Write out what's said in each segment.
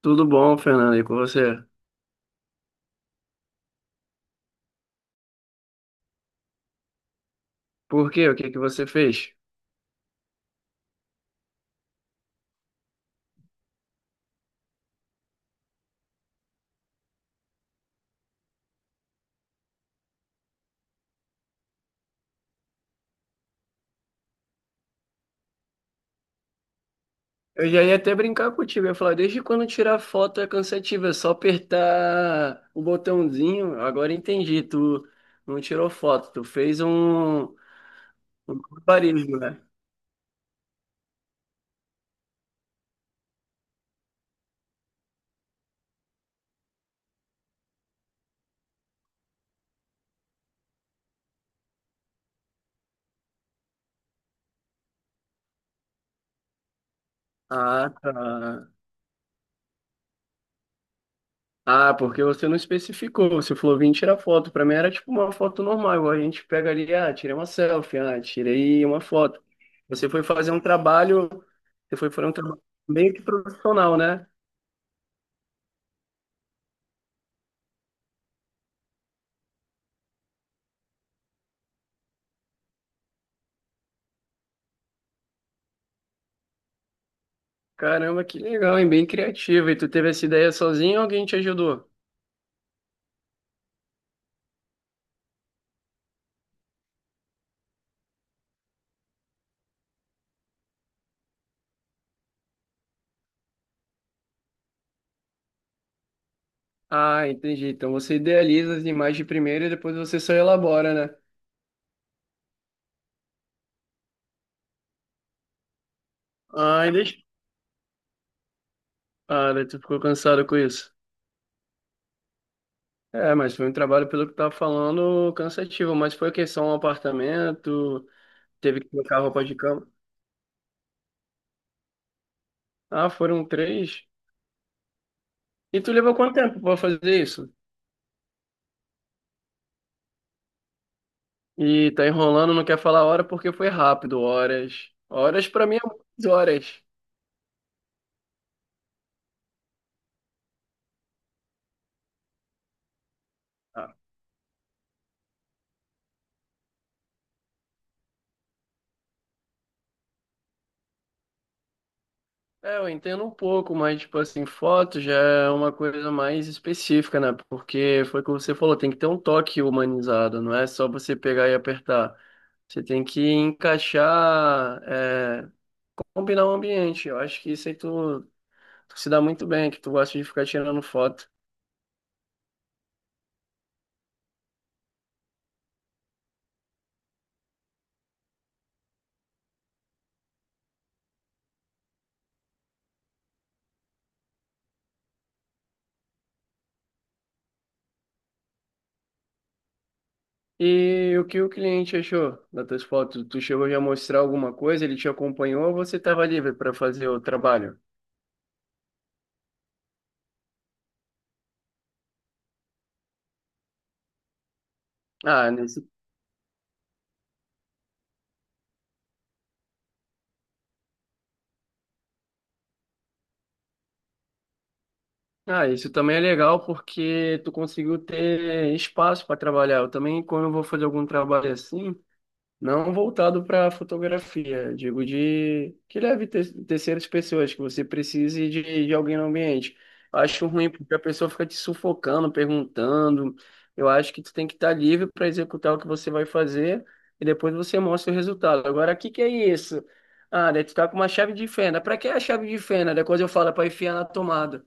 Tudo bom, Fernando, e com você? Por quê? O que que você fez? Eu já ia até brincar contigo, eu ia falar, desde quando tirar foto é cansativo, é só apertar o botãozinho, agora entendi, tu não tirou foto, tu fez um, um barulho, né? Ah, tá. Ah, porque você não especificou, você falou, vim tirar foto, pra mim era tipo uma foto normal, igual a gente pega ali, ah, tirei uma selfie, ah, tirei uma foto. Você foi fazer um trabalho, você foi fazer um trabalho meio que profissional, né? Caramba, que legal, hein? Bem criativa. E tu teve essa ideia sozinho ou alguém te ajudou? Ah, entendi. Então você idealiza as imagens primeiro e depois você só elabora, né? Ah, e deixa... Ah, daí tu ficou cansado com isso. É, mas foi um trabalho, pelo que tava falando, cansativo. Mas foi que só um apartamento, teve que trocar roupa de cama. Ah, foram três. E tu levou quanto tempo pra fazer isso? E tá enrolando, não quer falar hora porque foi rápido. Horas. Horas pra mim é muitas horas. É, eu entendo um pouco, mas, tipo assim, foto já é uma coisa mais específica, né? Porque foi o que você falou, tem que ter um toque humanizado, não é só você pegar e apertar. Você tem que encaixar, é, combinar o ambiente. Eu acho que isso aí tu, se dá muito bem, que tu gosta de ficar tirando foto. E o que o cliente achou das tuas fotos? Tu chegou já a mostrar alguma coisa? Ele te acompanhou ou você estava livre para fazer o trabalho? Ah, nesse Ah, isso também é legal porque tu conseguiu ter espaço para trabalhar. Eu também, quando eu vou fazer algum trabalho assim, não voltado para fotografia, digo de que leve terceiras pessoas, que você precise de, alguém no ambiente. Acho ruim porque a pessoa fica te sufocando, perguntando. Eu acho que tu tem que estar livre para executar o que você vai fazer e depois você mostra o resultado. Agora, o que que é isso? Ah, daí tu tá com uma chave de fenda. Pra que a chave de fenda? Depois eu falo para enfiar na tomada.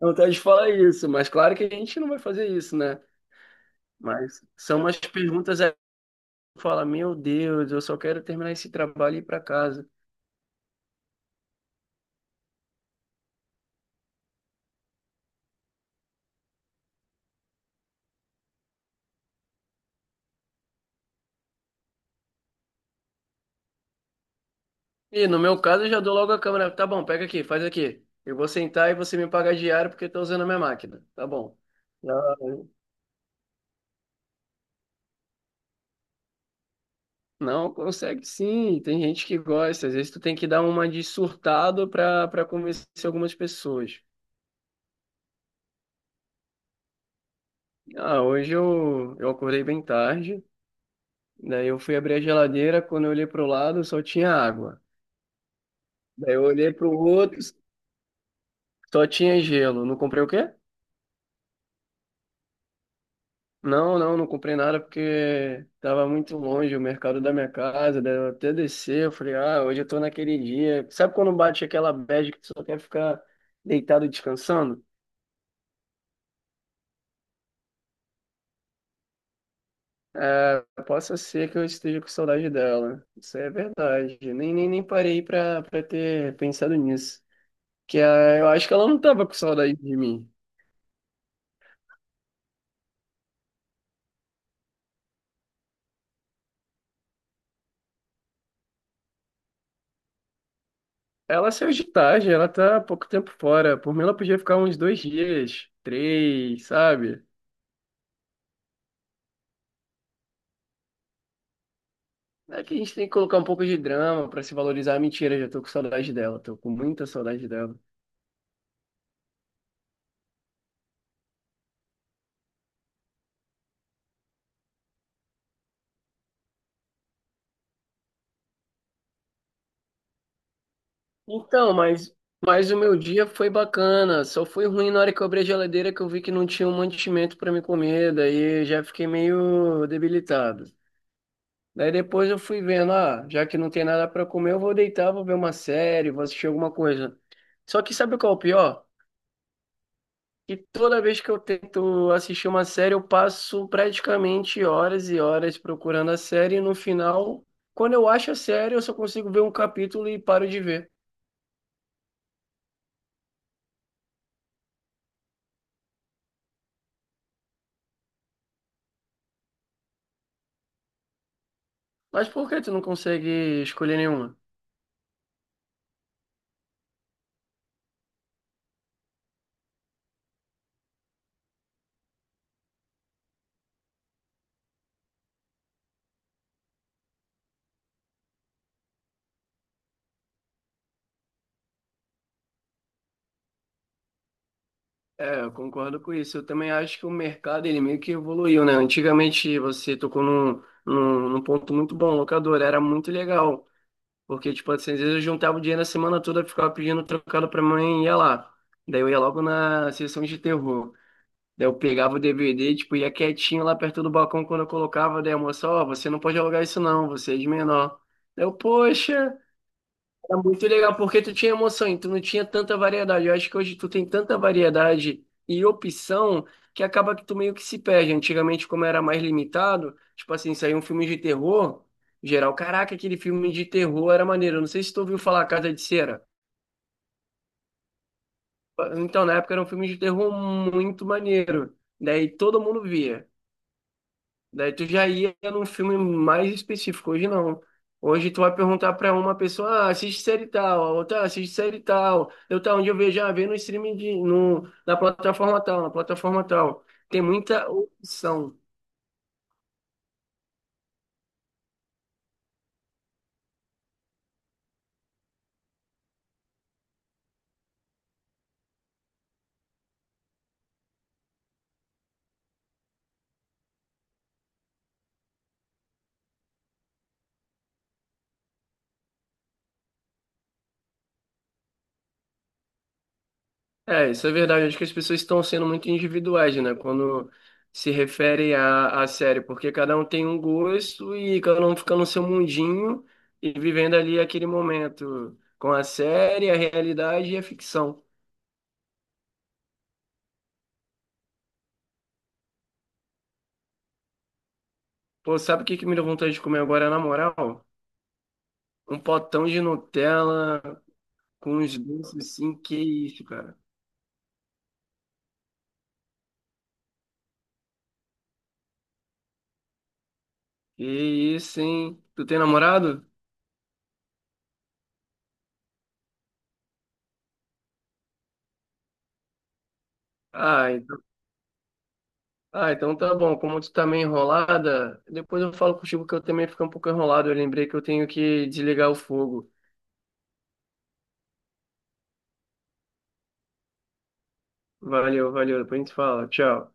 Vontade de falar isso, mas claro que a gente não vai fazer isso, né? Mas são umas perguntas aí que fala, meu Deus, eu só quero terminar esse trabalho e ir pra casa. E no meu caso eu já dou logo a câmera, tá bom, pega aqui, faz aqui. Eu vou sentar e você me paga diário porque eu tô usando a minha máquina, tá bom. Não, não consegue sim, tem gente que gosta, às vezes tu tem que dar uma de surtado pra, convencer algumas pessoas. Ah, hoje eu, acordei bem tarde, daí eu fui abrir a geladeira, quando eu olhei pro lado só tinha água. Daí eu olhei pro outro, só tinha gelo. Não comprei o quê? Não, não, não comprei nada porque tava muito longe o mercado da minha casa. Daí eu até descer, eu falei, ah, hoje eu tô naquele dia. Sabe quando bate aquela bad que tu só quer ficar deitado e descansando? É, possa ser que eu esteja com saudade dela. Isso é verdade. Nem, nem parei pra, ter pensado nisso. Que ah, eu acho que ela não tava com saudade de mim. Ela saiu de tarde, ela tá há pouco tempo fora. Por mim, ela podia ficar uns dois dias, três, sabe? É que a gente tem que colocar um pouco de drama pra se valorizar. Mentira, já tô com saudade dela, tô com muita saudade dela. Então, mas, o meu dia foi bacana. Só foi ruim na hora que eu abri a geladeira que eu vi que não tinha um mantimento pra me comer, daí eu já fiquei meio debilitado. Daí depois eu fui vendo, ah, já que não tem nada pra comer, eu vou deitar, vou ver uma série, vou assistir alguma coisa. Só que sabe qual é o pior? E toda vez que eu tento assistir uma série, eu passo praticamente horas e horas procurando a série e no final, quando eu acho a série, eu só consigo ver um capítulo e paro de ver. Mas por que tu não consegue escolher nenhuma? É, eu concordo com isso. Eu também acho que o mercado, ele meio que evoluiu, né? Antigamente, você tocou num, num ponto muito bom, locador, era muito legal. Porque, tipo, assim, às vezes eu juntava o dinheiro a semana toda, ficava pedindo trocado pra mãe e ia lá. Daí eu ia logo na sessão de terror. Daí eu pegava o DVD, tipo, ia quietinho lá perto do balcão quando eu colocava, daí a moça, ó, você não pode alugar isso não, você é de menor. Daí eu, poxa, era muito legal, porque tu tinha emoção e tu não tinha tanta variedade. Eu acho que hoje tu tem tanta variedade e opção que acaba que tu meio que se perde. Antigamente, como era mais limitado, tipo assim, saiu um filme de terror, geral, caraca, aquele filme de terror era maneiro. Eu não sei se tu ouviu falar Casa de Cera. Então, na época era um filme de terror muito maneiro. Daí todo mundo via. Daí tu já ia num filme mais específico. Hoje não. Hoje tu vai perguntar pra uma pessoa, ah, assiste série tal, a outra, "Ah, assiste série tal. Eu tá onde eu vejo, ah, vê no streaming de, no, na plataforma tal, na plataforma tal. Tem muita opção. É, isso é verdade. Acho que as pessoas estão sendo muito individuais, né? Quando se refere à, à série, porque cada um tem um gosto e cada um fica no seu mundinho e vivendo ali aquele momento com a série, a realidade e a ficção. Pô, sabe o que que me deu vontade de comer agora, na moral? Um potão de Nutella com uns doces assim, que isso, cara. Que isso, hein? Tu tem namorado? Ah, então, ah, então tá bom. Como tu tá meio enrolada, depois eu falo contigo que eu também fico um pouco enrolado. Eu lembrei que eu tenho que desligar o fogo. Valeu, valeu. Depois a gente fala. Tchau.